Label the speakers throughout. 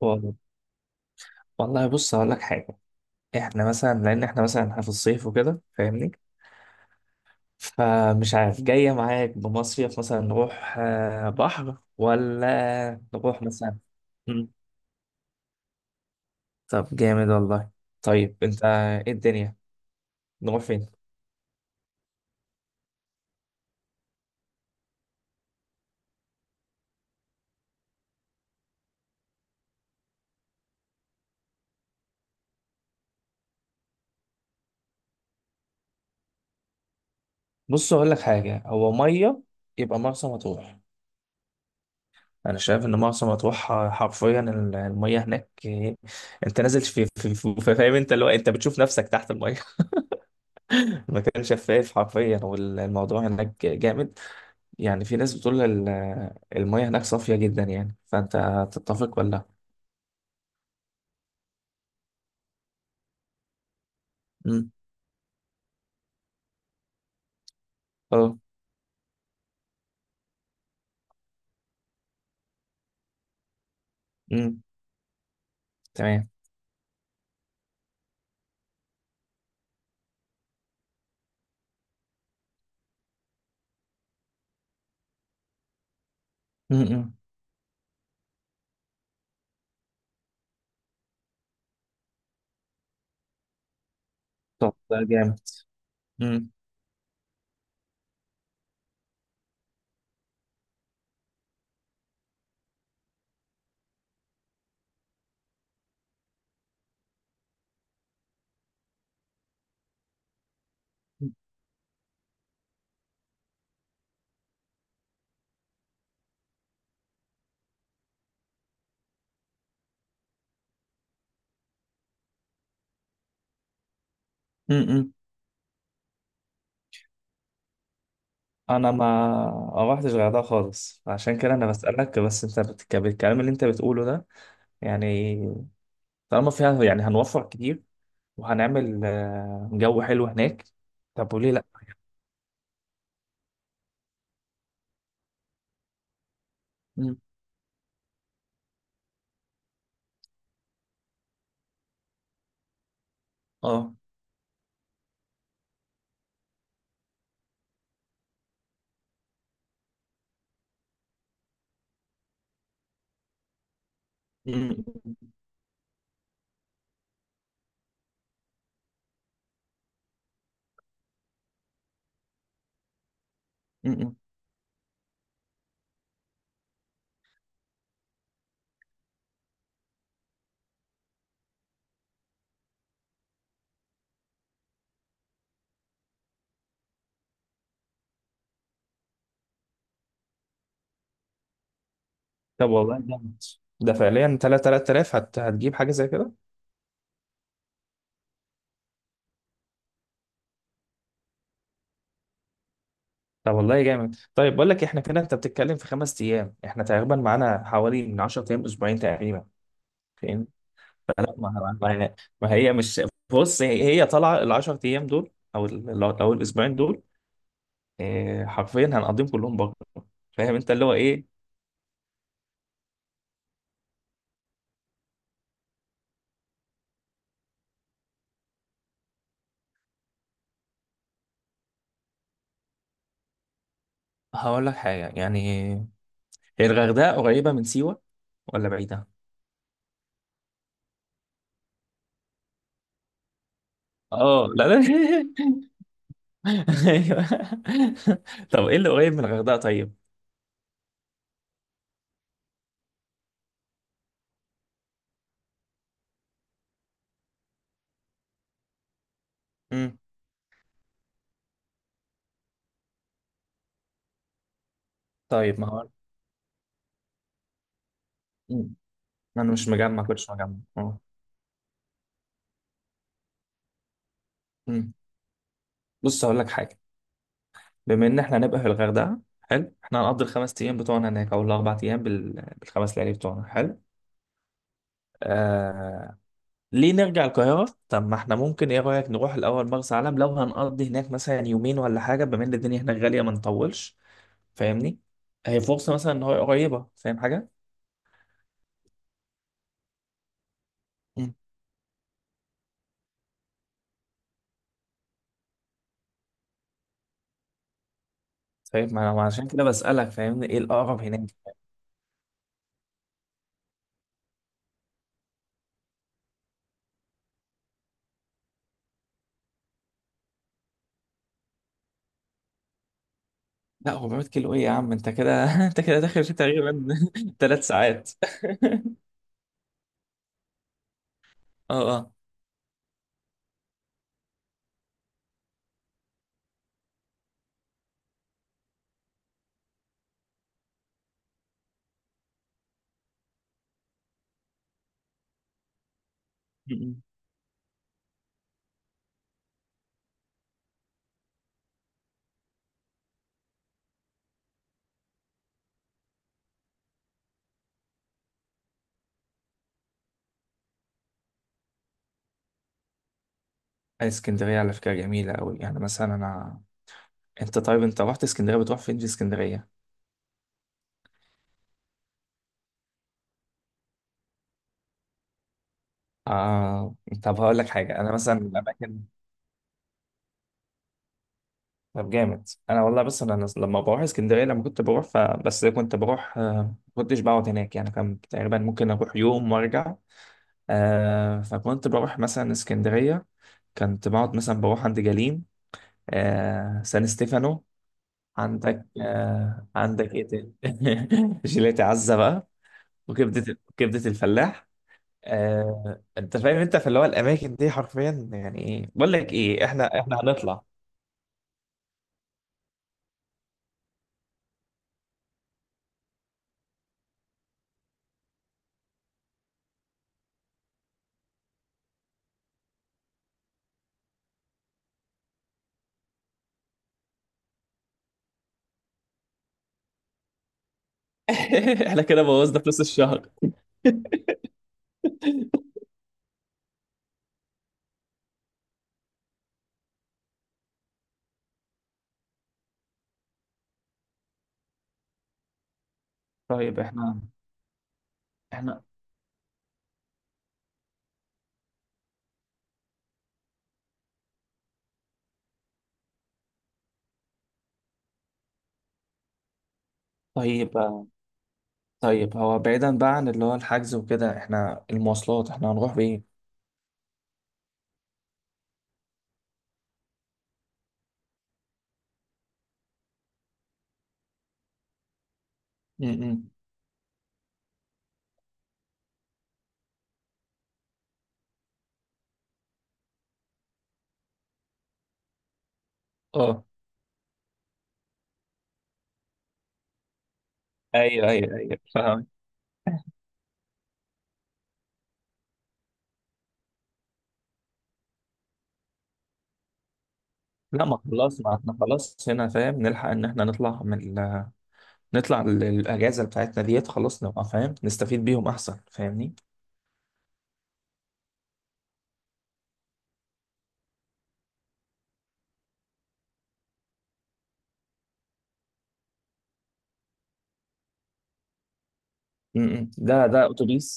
Speaker 1: والله والله، بص هقول لك حاجة. احنا مثلا لأن احنا مثلا احنا في الصيف وكده، فاهمني؟ فمش عارف جاية معاك بمصيف مثلا. نروح بحر ولا نروح مثلا. مم. طب جامد والله. طيب انت ايه الدنيا، نروح فين؟ بص هقول لك حاجة. هو مية، يبقى مرسى مطروح. انا شايف ان مرسى مطروح حرفيا، المية هناك انت نازل في، فاهم انت اللي هو انت بتشوف نفسك تحت المية. المكان شفاف حرفيا والموضوع هناك جامد. يعني في ناس بتقول المية هناك صافية جدا. يعني، فأنت تتفق ولا لأ؟ مم. أه. مم. تمام. مم. مم. طب ده جامد. مم. مم. أنا ما رحتش غردقة خالص، عشان كده أنا بسألك. بس أنت بالكلام اللي أنت بتقوله ده، يعني طالما فيها، يعني هنوفر كتير وهنعمل جو حلو هناك. طب وليه لأ؟ مم. أه. مم. مم. طب والله جامد. ده فعليا 3000، هتجيب حاجة زي كده؟ طب والله جامد. طيب بقول لك، احنا كده انت بتتكلم في 5 ايام، احنا تقريبا معانا حوالي من 10 ايام، اسبوعين تقريبا، فاهم؟ فلا ما هي مش... بص، هي طالعه ال 10 ايام دول، او او الاسبوعين دول، إيه، حرفيا هنقضيهم كلهم بره. فاهم انت اللي هو ايه. هقول لك حاجه يعني، هي الغردقه قريبه من سيوه ولا بعيده؟ اه، لا لا. ايوه. طب ايه اللي قريب من الغردقه طيب؟ امم. طيب ما هو. مم. انا مش مجمع، كنتش مجمع، اه. بص هقول لك حاجه. بما ان احنا هنبقى في الغردقه، حلو، احنا هنقضي الخمس ايام بتوعنا هناك، او الاربع ايام بالخمس ليالي بتوعنا، حلو. آه... ليه نرجع القاهره؟ طب ما احنا ممكن، ايه رايك نروح الاول مرسى علم، لو هنقضي هناك مثلا يومين ولا حاجه، بما ان الدنيا هناك غاليه ما نطولش، فاهمني؟ هي فرصه مثلا ان هو قريبه، فاهم حاجه. مم. طيب ما انا، ما عشان كده بسالك، فاهمني، ايه الاقرب هناك. لا، 400 كيلو ايه يا عم؟ انت كده انت كده داخل في تقريبا 3 ساعات. اه اه. اسكندرية على فكرة جميلة أوي. يعني مثلا أنت طيب أنت رحت اسكندرية، بتروح فين في اسكندرية؟ آه. طب هقول لك حاجة. أنا مثلا الأماكن... طب جامد أنا والله. بس أنا لما بروح اسكندرية، لما كنت بروح بس كنت بروح ما كنتش بقعد هناك يعني، كان تقريبا ممكن أروح يوم وأرجع. فكنت بروح مثلا اسكندرية، كنت بقعد مثلا بروح عند جليم، سان ستيفانو. عندك عندك إيه تاني؟ جيلاتي عزة بقى. وكبدة الفلاح. انت فاهم انت في اللي هو الاماكن دي حرفيا. يعني ايه بقول لك ايه، احنا هنطلع. احنا كده بوظنا فلوس الشهر. طيب. احنا طيب. طيب، هو بعيدا بقى عن اللي هو الحجز وكده، احنا المواصلات احنا هنروح بايه؟ امم. اه، ايوه ايوه ايوه، فاهم. لا، ما خلاص، ما احنا خلاص هنا، فاهم نلحق ان احنا نطلع من نطلع الاجازه بتاعتنا ديت، خلاص نبقى فاهم نستفيد بيهم احسن، فاهمني؟ امم. ده اتوبيس.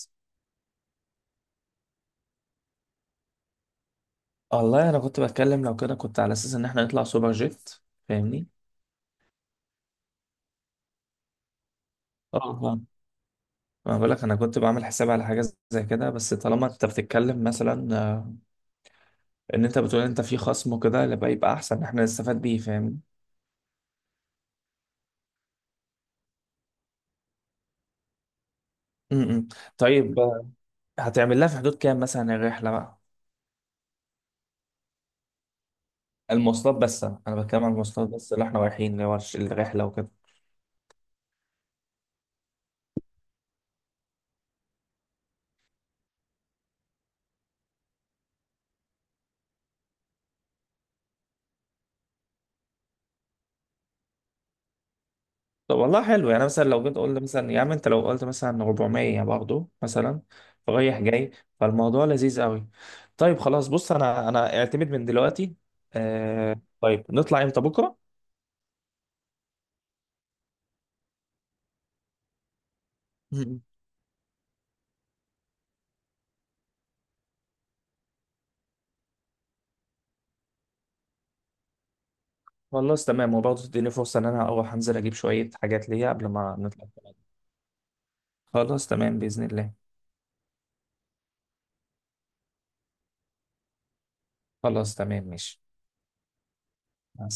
Speaker 1: والله انا كنت بتكلم، لو كده كنت على اساس ان احنا نطلع سوبر جيت، فاهمني. اه. آه. ما بقول لك انا كنت بعمل حساب على حاجه زي كده، بس طالما انت بتتكلم مثلا ان انت بتقول انت في خصم وكده، يبقى احسن ان احنا نستفاد بيه، فاهمني. م-م. طيب، هتعمل لها في حدود كام مثلا الرحله بقى؟ المواصلات بس، انا بتكلم عن المواصلات بس، اللي احنا رايحين، اللي هو الرحله وكده. طب والله حلو. يعني مثلا لو جيت قلت مثلا يا عم، انت لو قلت مثلا 400 برضه مثلا، رايح جاي، فالموضوع لذيذ قوي. طيب خلاص. بص انا اعتمد من دلوقتي. آه طيب. نطلع امتى، بكره؟ مم. خلاص تمام. وبرضه تديني فرصه ان انا اروح انزل اجيب شويه حاجات ليا قبل ما نطلع. خلاص تمام باذن الله. خلاص تمام ماشي. مع السلامة.